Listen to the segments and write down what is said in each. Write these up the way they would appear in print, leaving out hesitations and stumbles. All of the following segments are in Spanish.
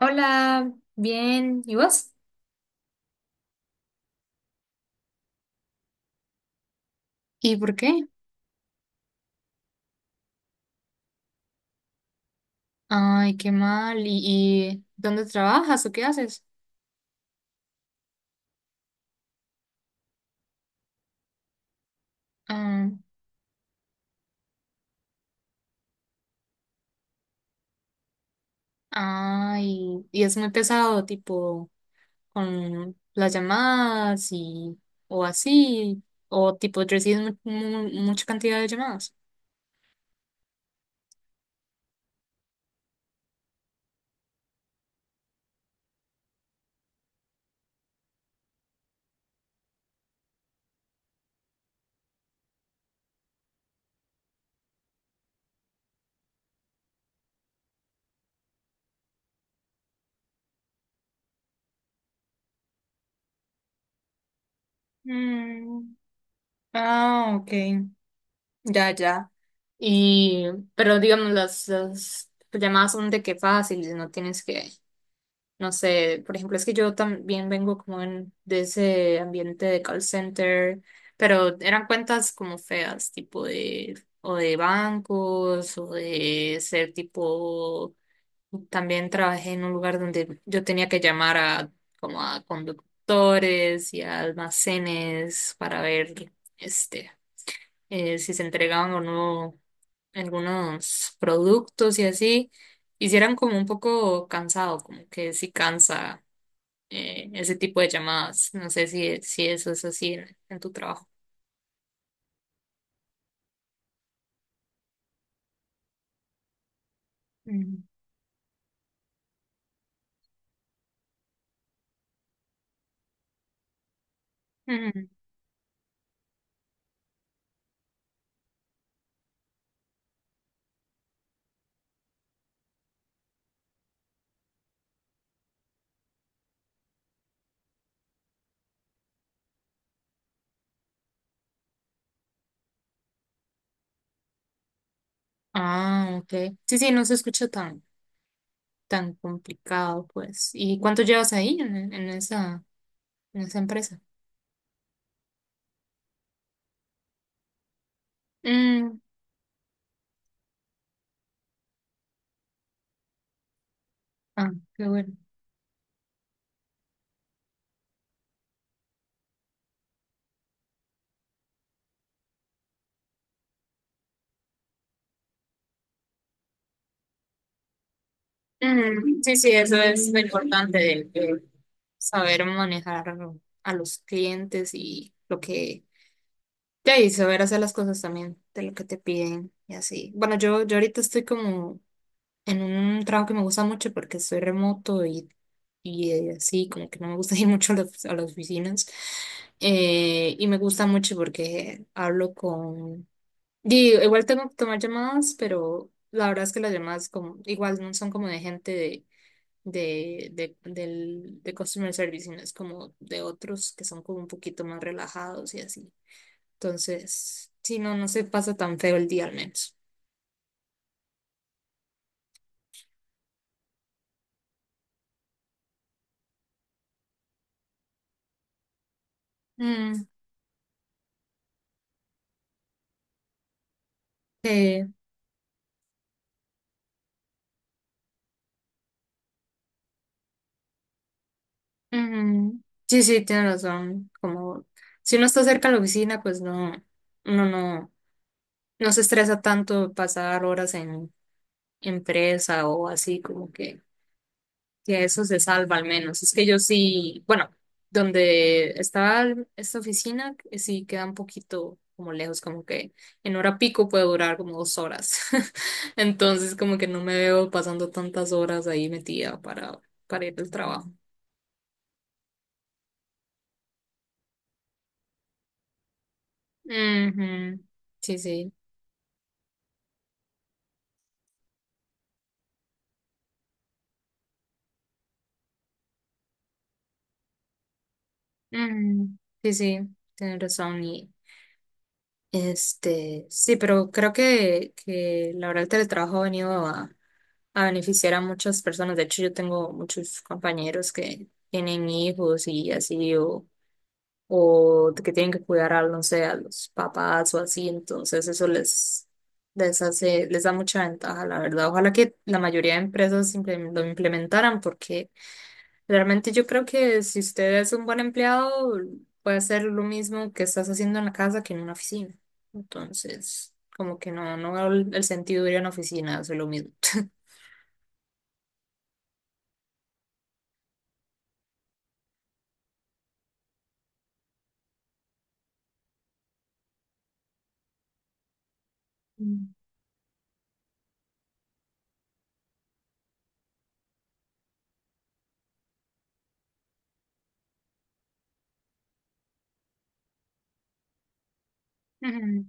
Hola, bien, ¿y vos? ¿Y por qué? Ay, qué mal. ¿Y dónde trabajas o qué haces? Ah, ay, y es muy pesado, tipo, con las llamadas y o así, o tipo, recibes mucha cantidad de llamadas. Mm. Ah, ok. Ya, ya. Y, pero digamos, las llamadas son de que fáciles, no tienes que… No sé, por ejemplo, es que yo también vengo como en, de ese ambiente de call center, pero eran cuentas como feas, tipo de, o de bancos, o de ser tipo, también trabajé en un lugar donde yo tenía que llamar a, como a conductores y a almacenes para ver, este, si se entregaban o no algunos productos y así. Hicieran como un poco cansado, como que sí cansa, ese tipo de llamadas. No sé si eso es así en tu trabajo. Ujú. Ujú. Ah, ok. Sí, sí, no se escucha tan complicado, pues. ¿Y cuánto llevas ahí en esa empresa? Mm. Ah, qué bueno. Mm, sí, sí, eso es lo importante de, saber manejar a los clientes y lo que, ya, y saber hacer las cosas también de lo que te piden y así. Bueno, yo ahorita estoy como en un trabajo que me gusta mucho porque soy remoto y así, como que no me gusta ir mucho a las oficinas. Y me gusta mucho porque hablo con… Digo, igual tengo que tomar llamadas, pero la verdad es que las llamadas como, igual no son como de gente de customer service, sino es como de otros que son como un poquito más relajados y así. Entonces, sí, no, no se pasa tan feo el día al menos. Mm. eh, Ujú. Sí, sí, tienes razón. Como si uno está cerca de la oficina, pues no, uno no, no se estresa tanto pasar horas en empresa o así, como que eso se salva al menos. Es que yo sí, bueno, donde estaba esta oficina, sí queda un poquito como lejos, como que en hora pico puede durar como 2 horas. Entonces, como que no me veo pasando tantas horas ahí metida para, ir al trabajo. Ujú. Sí, sí. Mm, sí, sí, tienes razón. Y este, sí, pero creo que la verdad el teletrabajo ha venido a beneficiar a muchas personas. De hecho, yo tengo muchos compañeros que tienen hijos y así, o que tienen que cuidar a, no sé, a los papás o así. Entonces, eso les hace, les da mucha ventaja, la verdad. Ojalá que la mayoría de empresas lo implementaran, porque realmente yo creo que si usted es un buen empleado, puede hacer lo mismo que estás haciendo en la casa que en una oficina. Entonces, como que no, no veo el sentido de ir a una oficina, hacer lo mismo. Mm. Ujú,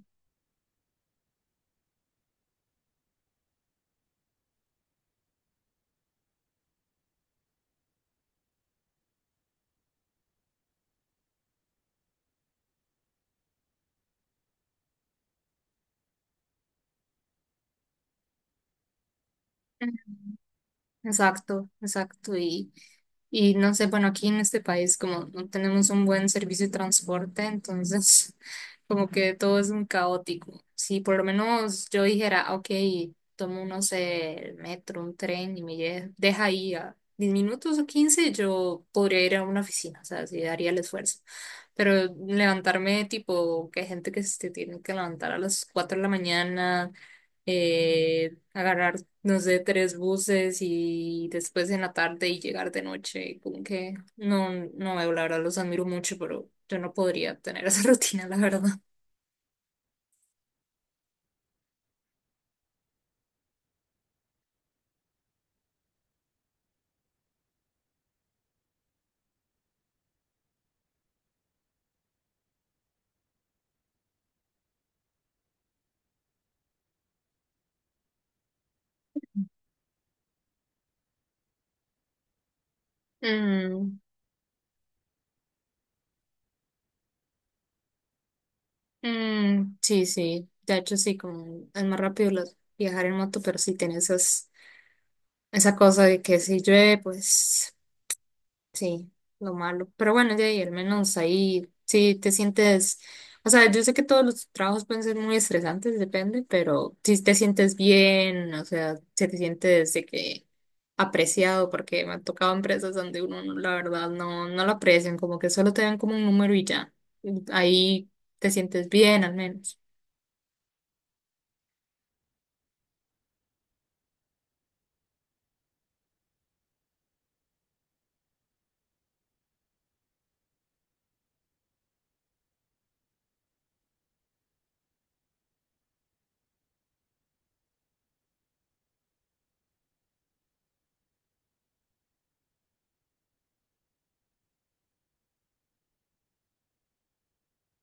ujú. Exacto, exacto. Y no sé, bueno, aquí en este país como no tenemos un buen servicio de transporte, entonces como que todo es un caótico. Si por lo menos yo dijera, ok, tomo, no sé, el metro, un tren y me deja ahí a 10 minutos o 15, yo podría ir a una oficina, o sea, sí daría el esfuerzo. Pero levantarme tipo, que hay gente que se tiene que levantar a las 4 de la mañana, agarrar, no sé, tres buses y después en la tarde y llegar de noche, como que no, no veo, la verdad, los admiro mucho, pero yo no podría tener esa rutina, la verdad. Mm, mm, sí, sí, de hecho sí, como es más rápido viajar en moto, pero sí tiene esa cosa de que si llueve, pues… Sí, lo malo. Pero bueno, de ahí al menos ahí sí te sientes, o sea, yo sé que todos los trabajos pueden ser muy estresantes, depende, pero si te sientes bien, o sea, si te sientes de que apreciado, porque me han tocado empresas donde uno, la verdad, no, no lo aprecian, como que solo te dan como un número y ya. Ahí te sientes bien al menos.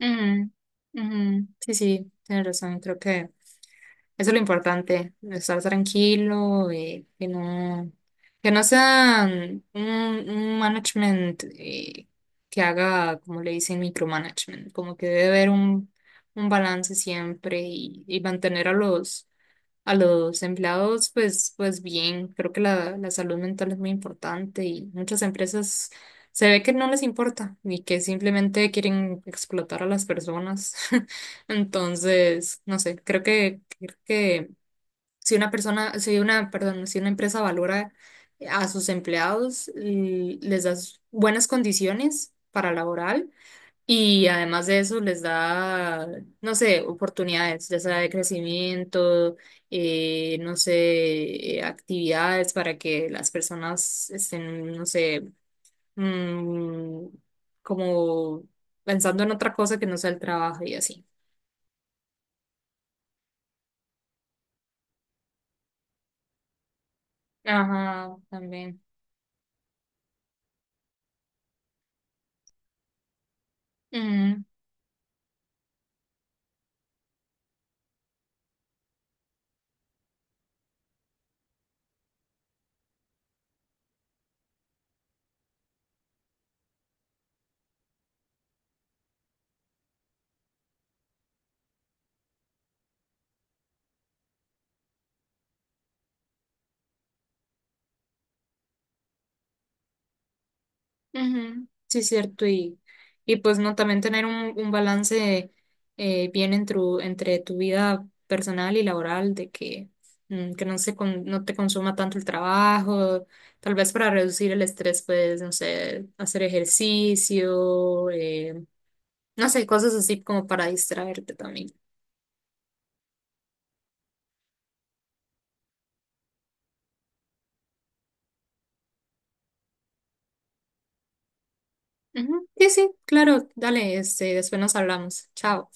Ujú, ujú. Sí, sí, tienes razón. Creo que eso es lo importante, estar tranquilo y que no sea un management, que haga, como le dicen, micromanagement, como que debe haber un balance siempre y mantener a los empleados, pues, pues bien, creo que la salud mental es muy importante y muchas empresas se ve que no les importa y que simplemente quieren explotar a las personas. Entonces, no sé, creo que si una persona, si una, perdón, si una empresa valora a sus empleados, les da buenas condiciones para laboral, y además de eso les da, no sé, oportunidades, ya sea de crecimiento, no sé, actividades para que las personas estén, no sé, mm, como pensando en otra cosa que no sea el trabajo y así. Ajá, también. Ujú. Sí, cierto. Y pues no, también tener un balance, bien entre tu vida personal y laboral, de que, que no se no te consuma tanto el trabajo, tal vez para reducir el estrés, pues, no sé, hacer ejercicio, no sé, cosas así como para distraerte también. Ujú. Sí, sí, claro, dale, este, después nos hablamos. Chao.